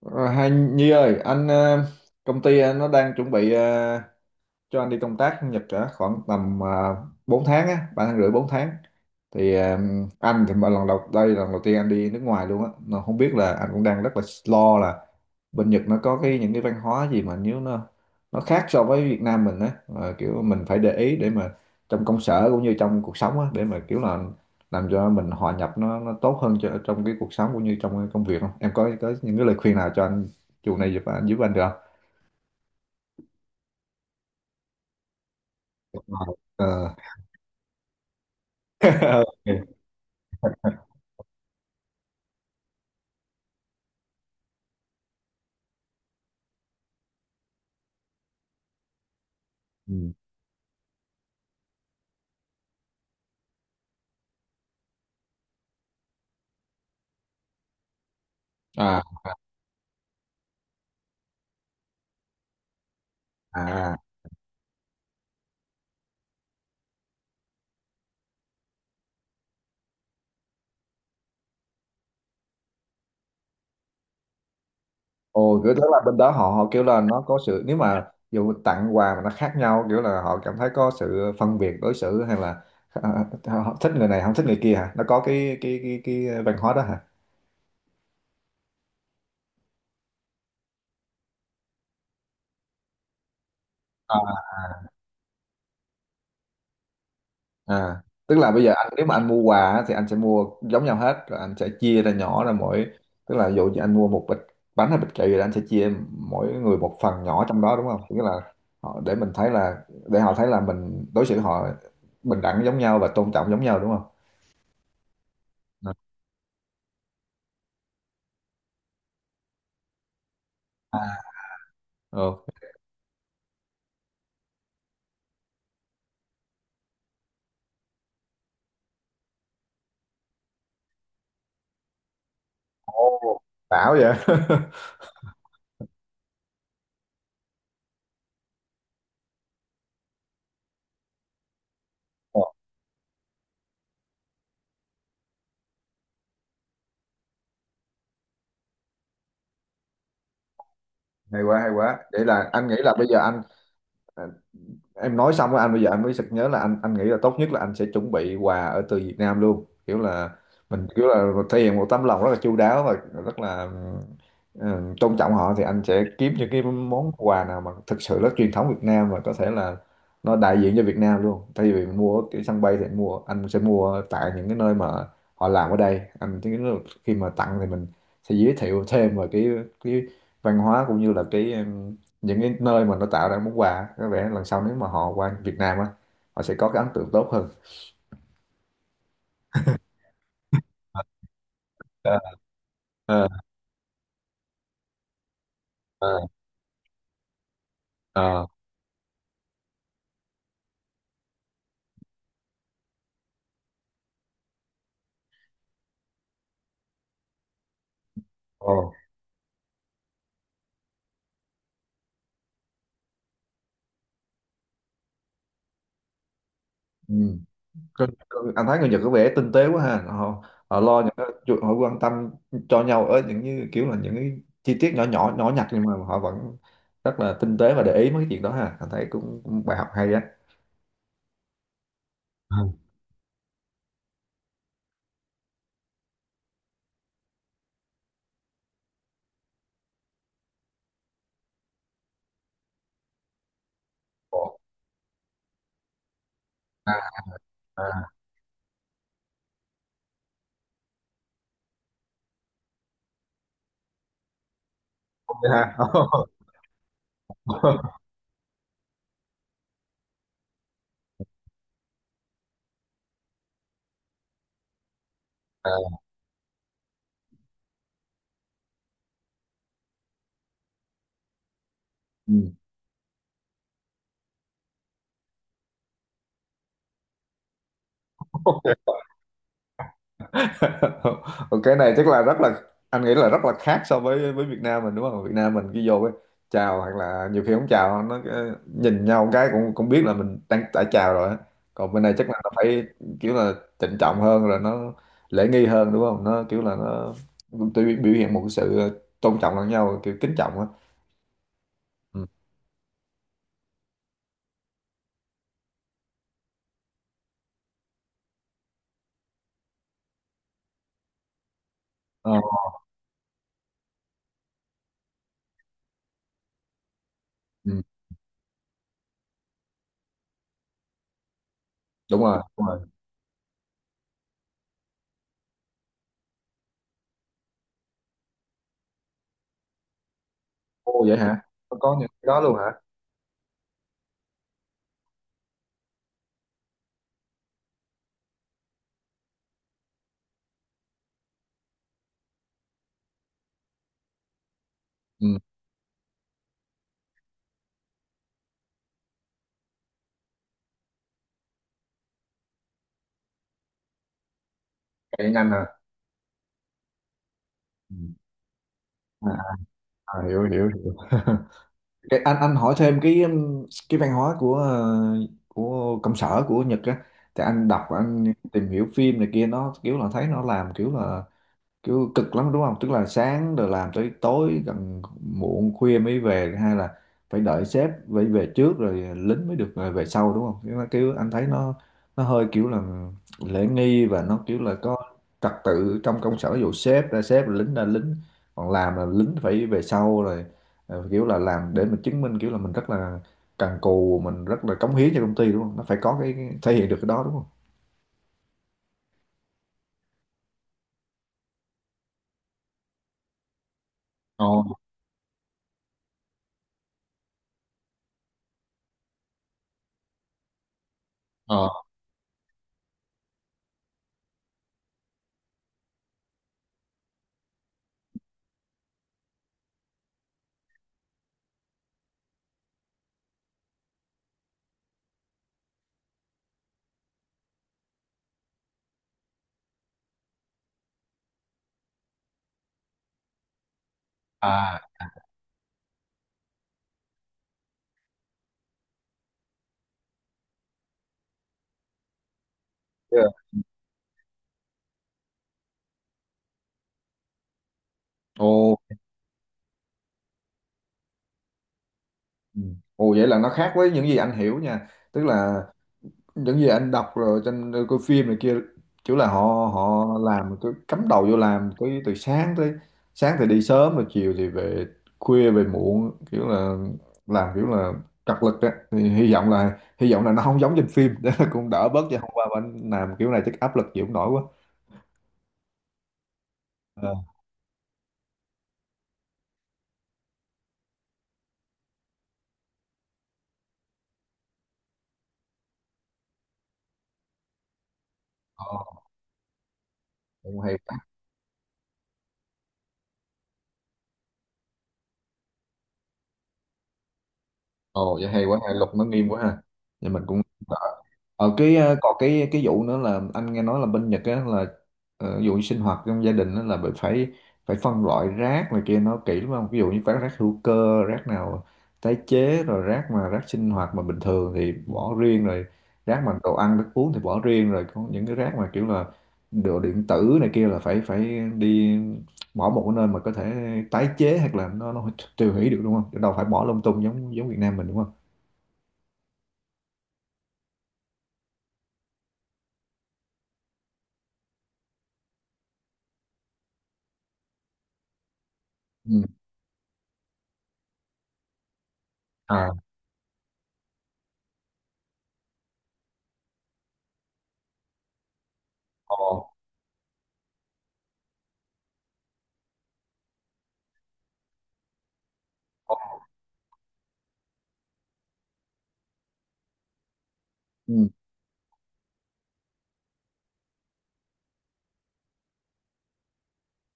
Ờ, Hai Nhi ơi, công ty nó đang chuẩn bị cho anh đi công tác Nhật cả khoảng tầm 4 tháng á, 3 tháng rưỡi 4 tháng. Thì à, anh thì lần đầu đây là lần đầu tiên anh đi nước ngoài luôn á, nó không biết là anh cũng đang rất là lo là bên Nhật nó có cái những cái văn hóa gì mà nếu nó khác so với Việt Nam mình á. Ờ, Kiểu mình phải để ý để mà trong công sở cũng như trong cuộc sống á, để mà kiểu là làm cho mình hòa nhập nó tốt hơn cho trong cái cuộc sống cũng như trong cái công việc, không? Em có những cái lời khuyên nào cho anh này giúp anh được không? Ờ. Ok. Ừ. À. À, ồ, kiểu tức là bên đó họ họ kiểu là nó có sự, nếu mà dù tặng quà mà nó khác nhau, kiểu là họ cảm thấy có sự phân biệt đối xử, hay là à, họ thích người này không thích người kia hả? Nó có cái văn hóa đó hả? À. À, tức là bây giờ anh nếu mà anh mua quà á, thì anh sẽ mua giống nhau hết, rồi anh sẽ chia ra nhỏ ra mỗi, tức là dụ như anh mua một bịch bánh hay bịch kẹo gì đó, anh sẽ chia mỗi người một phần nhỏ trong đó, đúng không? Nghĩa là họ để mình thấy là, để họ thấy là mình đối xử họ bình đẳng giống nhau và tôn trọng giống nhau, đúng không? À. Ờ. Ồ, bảo vậy. Ồ, hay quá, hay quá. Vậy là anh nghĩ là bây giờ ờ, em nói xong rồi anh bây giờ anh mới sực nhớ là anh nghĩ là tốt nhất là anh sẽ chuẩn bị quà ở từ Việt Nam luôn, kiểu là mình kiểu là thể hiện một tấm lòng rất là chu đáo và rất là ừ, tôn trọng họ, thì anh sẽ kiếm những cái món quà nào mà thực sự rất truyền thống Việt Nam và có thể là nó đại diện cho Việt Nam luôn, thay vì mình mua ở cái sân bay thì anh mua, anh sẽ mua tại những cái nơi mà họ làm ở đây, anh thấy nó- khi mà tặng thì mình sẽ giới thiệu thêm về cái văn hóa cũng như là cái những cái nơi mà nó tạo ra món quà, có vẻ lần sau nếu mà họ qua Việt Nam á, họ sẽ có cái ấn tượng tốt hơn. Ờ. Ờ. Ờ. Ờ. Ồ. Ừ. Có- anh thấy người Nhật có vẻ tinh tế quá ha, họ họ lo những cái chuyện- họ quan tâm cho nhau ở những như kiểu là những cái chi tiết nhỏ nhỏ nhỏ nhặt nhưng mà họ vẫn rất là tinh tế và để ý mấy cái chuyện đó ha, anh thấy cũng, cũng bài học hay á. Ừ. Ồ. À. À, ok ha. Ờ. Ừ. Cái này chắc là rất là, anh nghĩ là rất là khác so với Việt Nam mình, đúng không? Việt Nam mình khi vô cái chào hoặc là nhiều khi không chào, nó cái- nhìn nhau một cái cũng cũng biết là mình đang đã chào rồi á. Còn bên này chắc là nó phải kiểu là trịnh trọng hơn rồi, nó lễ nghi hơn, đúng không? Nó kiểu là nó tự biểu hiện một cái sự tôn trọng lẫn nhau, kiểu kính trọng á. Ừ. Ờ. Ừ. Đúng rồi, đúng rồi. Ô vậy hả? Có những cái đó luôn hả? Ừ. Cái nhanh hả? Ừ. À. À, hiểu hiểu hiểu. Cái- anh hỏi thêm cái văn hóa của của công sở của Nhật á, thì anh đọc, anh tìm hiểu phim này kia, nó kiểu là thấy nó làm kiểu là kiểu cực lắm đúng không, tức là sáng rồi làm tới tối gần muộn khuya mới về, hay là phải đợi sếp phải về trước rồi lính mới được về sau, đúng không kiểu, nó- kiểu anh thấy nó hơi kiểu là lễ nghi và nó kiểu là có trật tự trong công sở, ví dụ sếp ra sếp lính ra lính, còn làm là lính phải về sau rồi kiểu là làm để mình chứng minh kiểu là mình rất là cần cù, mình rất là cống hiến cho công ty đúng không, nó phải có cái thể hiện được cái đó đúng không. Ồ. Ờ. À. Yeah. Ừ. Ồ vậy là nó khác với những gì anh hiểu nha. Tức là những gì anh đọc rồi trên coi phim này kia, kiểu là họ họ làm cứ cắm đầu vô làm tới từ sáng tới sáng thì đi sớm rồi chiều thì về khuya về muộn, kiểu là làm kiểu là cật lực á, thì hy vọng là nó không giống trên phim để cũng đỡ bớt chứ hôm qua mà anh làm kiểu này chắc áp lực chịu không nổi quá. Ờ. Ồ, cũng hay quá. Ồ vậy hay quá, hay luật nó nghiêm quá ha. Vậy mình cũng đỡ. Còn cái vụ nữa là anh nghe nói là bên Nhật á là ví dụ như sinh hoạt trong gia đình á là bị phải phải phân loại rác này kia, nó kỹ lắm không? Ví dụ như rác rác hữu cơ, rác nào tái chế, rồi rác mà rác sinh hoạt mà bình thường thì bỏ riêng rồi, rác mà đồ ăn thức uống thì bỏ riêng rồi, có những cái rác mà kiểu là đồ điện tử này kia là phải phải đi bỏ một cái nơi mà có thể tái chế hoặc là nó tiêu hủy được, đúng không? Chứ đâu phải bỏ lung tung giống giống Việt Nam mình, đúng không? Ừ. À. Ờ. Ờ. Ừ.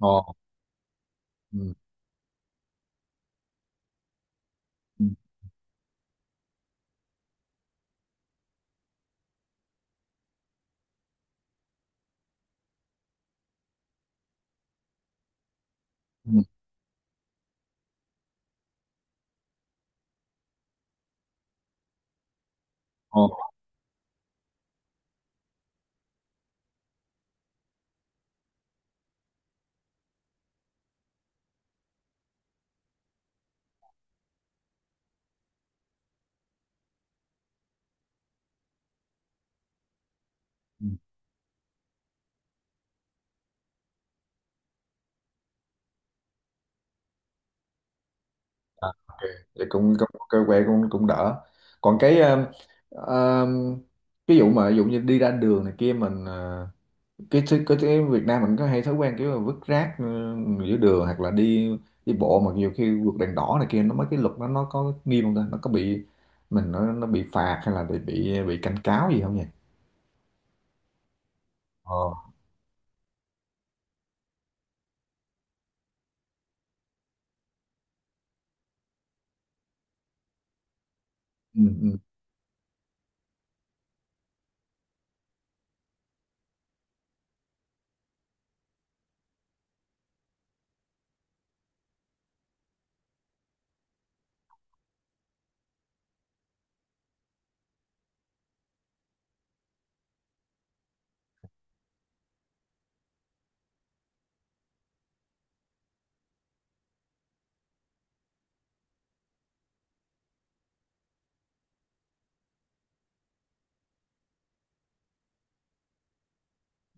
Ờ. Ừ. Ừ. Ừ. Ồ. Ừ. À, ok, vậy cũng cũng cơ quê cũng cũng đỡ. Còn cái um, ví dụ mà ví dụ như đi ra đường này kia mình cái Việt Nam mình có hay thói quen kiểu là vứt rác giữa đường hoặc là đi đi bộ mà nhiều khi vượt đèn đỏ này kia, nó mấy cái luật nó có nghiêm không ta, nó có bị mình nó bị phạt hay là bị bị cảnh cáo gì không nhỉ? Ờ. Ừ. Ừ.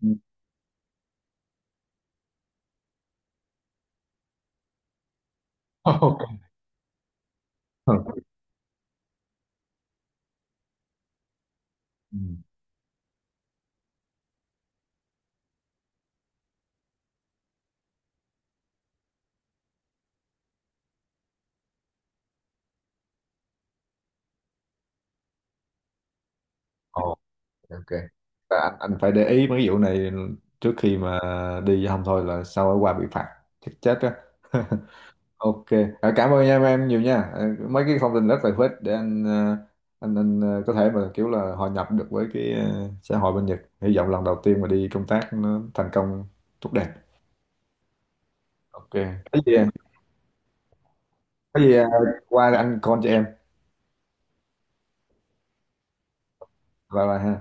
Ừ. Ok. Ừ. Ok. Và anh phải để ý mấy vụ này trước khi mà đi không thôi là sau ở qua bị phạt chết chết á. Ok. À, cảm ơn em nhiều nha. À, mấy cái thông tin rất là hữu ích để anh ờ, có thể mà kiểu là hòa nhập được với cái xã hội bên Nhật, hy vọng lần đầu tiên mà đi công tác nó thành công tốt đẹp. Ok. Cái gì, có gì qua anh call cho em, bye bye ha.